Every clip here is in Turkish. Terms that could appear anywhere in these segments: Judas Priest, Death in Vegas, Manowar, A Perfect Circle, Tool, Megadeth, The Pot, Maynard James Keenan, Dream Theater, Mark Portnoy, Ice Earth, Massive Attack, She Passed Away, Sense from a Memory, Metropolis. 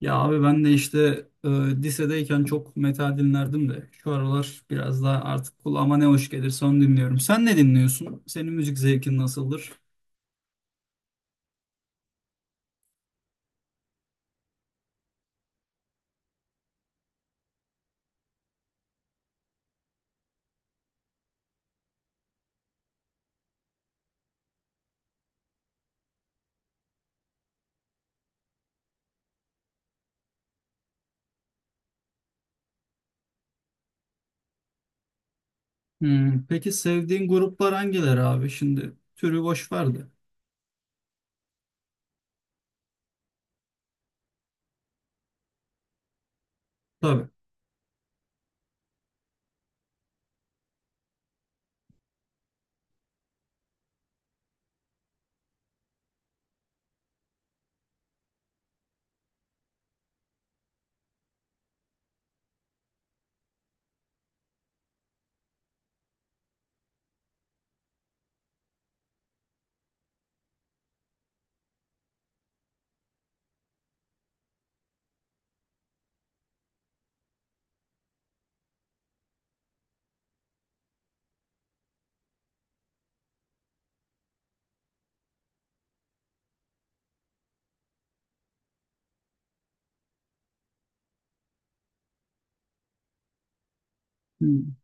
Ya abi ben de işte lisedeyken çok metal dinlerdim de şu aralar biraz daha artık kulağıma ne hoş gelirse onu dinliyorum. Sen ne dinliyorsun? Senin müzik zevkin nasıldır? Peki sevdiğin gruplar hangileri abi? Şimdi türü boş vardı. Tabii. Hmm.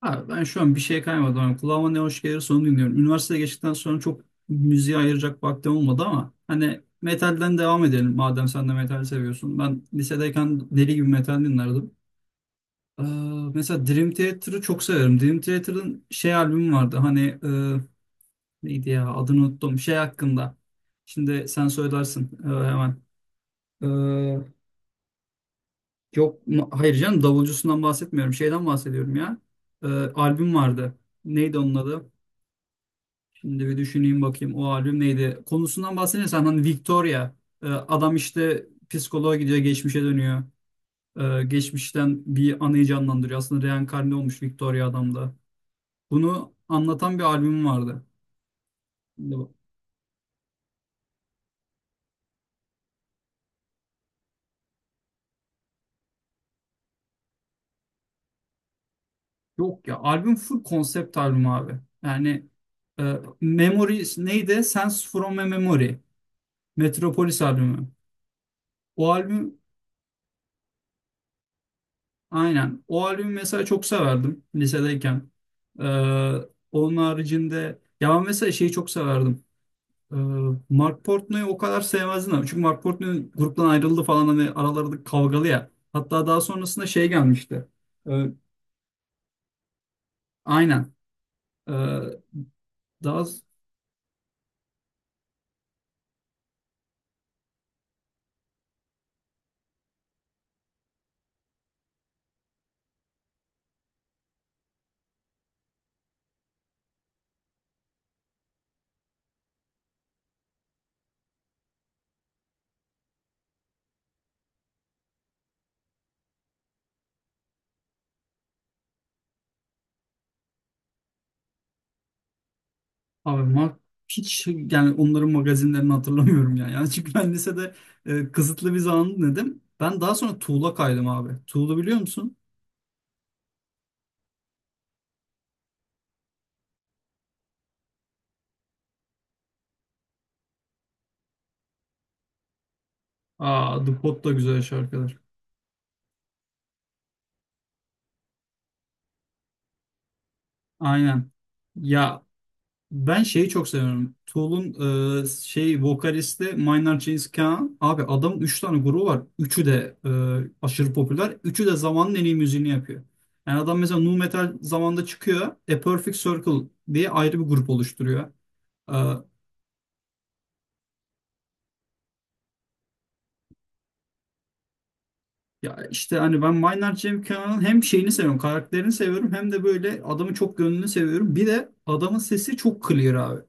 Abi ben şu an bir şey kaymadım. Yani kulağıma ne hoş gelirse onu dinliyorum. Üniversiteye geçtikten sonra çok müziğe ayıracak vaktim olmadı ama hani metalden devam edelim madem sen de metal seviyorsun. Ben lisedeyken deli gibi metal dinlerdim. Ee, mesela Dream Theater'ı çok severim. Dream Theater'ın şey albümü vardı. Hani neydi ya adını unuttum. Şey hakkında. Şimdi sen söylersin, hemen. Ee, yok ma- hayır canım, davulcusundan bahsetmiyorum. Şeyden bahsediyorum ya. Ee, albüm vardı. Neydi onun adı? Şimdi bir düşüneyim bakayım, o albüm neydi? Konusundan bahsedersen hani Victoria. Adam işte psikoloğa gidiyor, geçmişe dönüyor. Geçmişten bir anıyı canlandırıyor. Aslında reenkarne olmuş Victoria adam da. Bunu anlatan bir albüm vardı. Şimdi bak- Yok ya, albüm full konsept albüm abi. E, Memory neydi? Sense from a Memory. Metropolis albümü. O albüm, aynen. O albümü mesela çok severdim lisedeyken. E, onun haricinde ya, ben mesela şeyi çok severdim. E, Mark Portnoy'u o kadar sevmezdim ama. Çünkü Mark Portnoy gruptan ayrıldı falan, hani araları kavgalı ya. Hatta daha sonrasında şey gelmişti. E, aynen. E, daha Abi Mark, hiç yani onların magazinlerini hatırlamıyorum ya. Yani çünkü ben lisede kısıtlı bir zaman dedim. Ben daha sonra Tool'a kaydım abi. Tool'u biliyor musun? Aa, The Pot da güzel şarkılar. Aynen. Ya ben şeyi çok seviyorum. Tool'un şey vokalisti Maynard James Keenan. Abi adamın 3 tane grubu var. Üçü de aşırı popüler. Üçü de zamanın en iyi müziğini yapıyor. Yani adam mesela nu metal zamanında çıkıyor. A Perfect Circle diye ayrı bir grup oluşturuyor. Ee, Ya işte hani ben Maynard Cem Kenan'ın hem şeyini seviyorum, karakterini seviyorum, hem de böyle adamı çok gönlünü seviyorum. Bir de adamın sesi çok clear abi.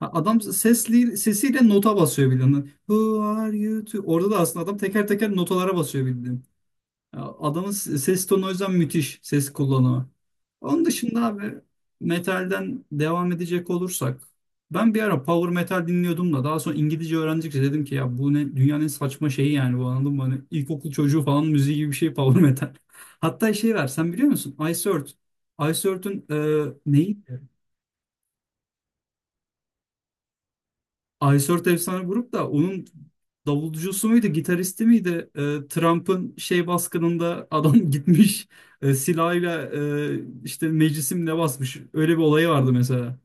Ha, Adam sesli, sesiyle nota basıyor bildiğin. Who are you to? Orada da aslında adam teker teker notalara basıyor bildiğin. Adamın ses tonu, o yüzden müthiş ses kullanımı. Onun dışında abi, metalden devam edecek olursak ben bir ara power metal dinliyordum da daha sonra İngilizce öğrendikçe dedim ki ya bu ne dünyanın en saçma şeyi yani bu, anladın mı? Hani ilkokul çocuğu falan müziği gibi bir şey power metal. Hatta şey var, sen biliyor musun? Ice Earth. Ice Earth'ün neyi? Aysort efsane grup da, onun davulcusu muydu, gitaristi miydi? Trump'ın şey baskınında adam gitmiş silahıyla işte meclisimle basmış. Öyle bir olayı vardı mesela.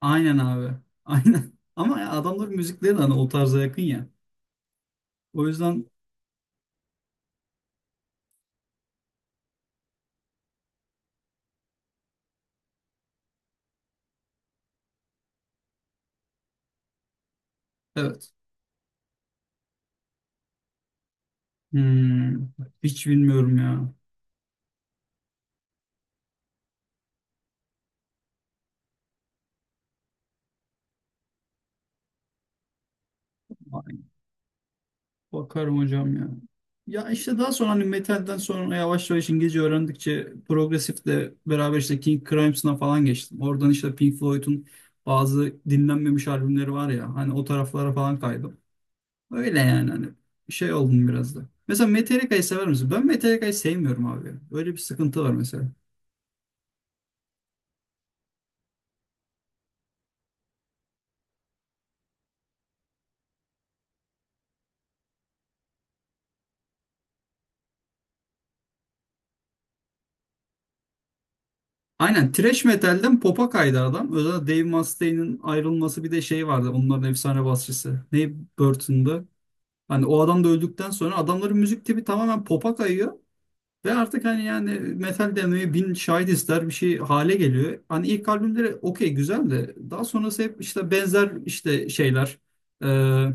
Aynen abi. Aynen. Ama ya adamların müzikleri de hani o tarza yakın ya. O yüzden evet. Hmm, hiç bilmiyorum ya. Bakarım hocam ya. Ya işte daha sonra hani metalden sonra yavaş yavaş İngilizce öğrendikçe progresifle beraber işte King Crimson'a falan geçtim. Oradan işte Pink Floyd'un bazı dinlenmemiş albümleri var ya, hani o taraflara falan kaydım. Öyle yani, hani şey oldum biraz da. Mesela Metallica'yı sever misin? Ben Metallica'yı sevmiyorum abi. Öyle bir sıkıntı var mesela. Aynen, thrash metalden pop'a kaydı adam. Özellikle Dave Mustaine'in ayrılması, bir de şey vardı. Onların efsane basçısı, Dave Burton'da. Hani o adam da öldükten sonra adamların müzik tipi tamamen pop'a kayıyor. Ve artık hani yani metal demeye bin şahit ister bir şey hale geliyor. Hani ilk albümleri okey güzel de daha sonrası hep işte benzer işte şeyler. Ee,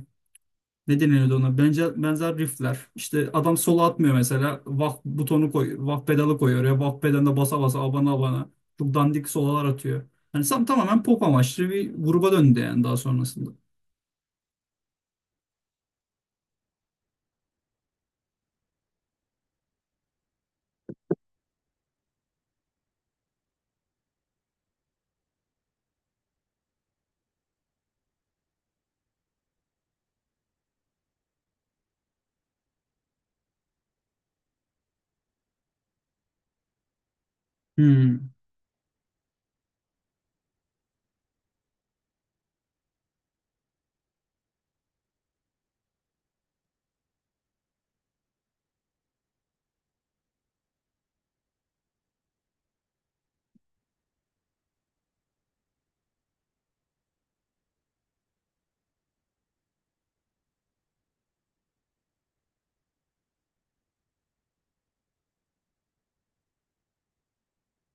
ne deniyordu ona? Benzer, benzer riffler. İşte adam solo atmıyor mesela. Wah butonu koyuyor. Wah pedalı koyuyor. Ya wah pedalına basa basa, abana abana. Çok dandik sololar atıyor. Hani tamamen pop amaçlı bir gruba döndü yani daha sonrasında. Hmm.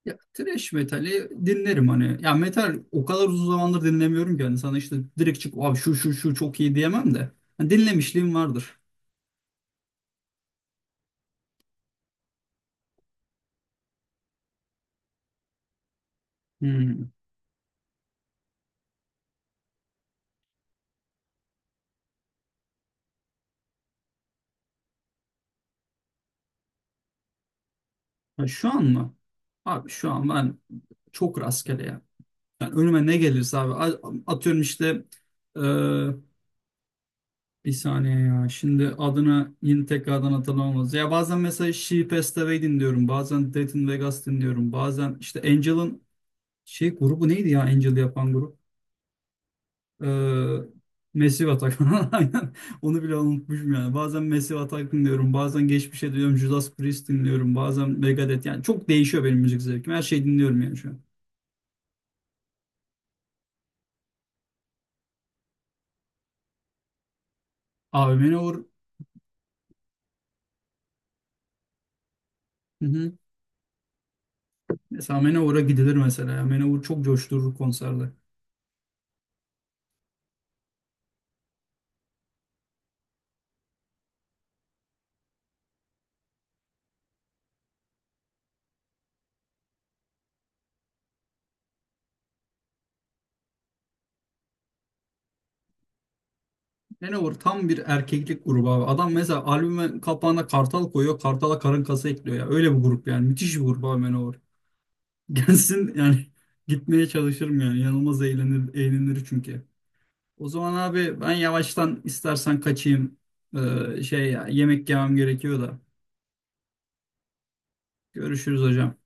Ya, trash metali dinlerim hani. Ya metal o kadar uzun zamandır dinlemiyorum ki hani sana işte direkt çık abi şu şu şu çok iyi diyemem de. Hani dinlemişliğim vardır. Hmm. Ha, şu an mı? Abi şu an ben çok rastgele ya. Yani önüme ne gelirse abi atıyorum işte, e, bir saniye ya, şimdi adını yine tekrardan hatırlamamız. Ya bazen mesela She Passed Away dinliyorum. Bazen Death in Vegas dinliyorum. Bazen işte Angel'ın şey grubu neydi ya, Angel yapan grup? Ee, Massive Attack. Aynen. Onu bile unutmuşum yani. Bazen Massive Attack dinliyorum. Bazen geçmişe dönüyorum. Judas Priest dinliyorum. Bazen Megadeth. Yani çok değişiyor benim müzik zevkim. Her şeyi dinliyorum yani şu an. Abi Manowar. Hı hı. Mesela Manowar'a gidilir mesela, ya. Manowar çok coşturur konserde. Manowar tam bir erkeklik grubu abi. Adam mesela albüme kapağına kartal koyuyor. Kartala karın kası ekliyor ya. Öyle bir grup yani. Müthiş bir grup abi, Manowar. Gelsin yani, gitmeye çalışırım yani. Yanılmaz, eğlenir, eğlenir çünkü. O zaman abi ben yavaştan istersen kaçayım. Şey ya, yemek yemem gerekiyor da. Görüşürüz hocam.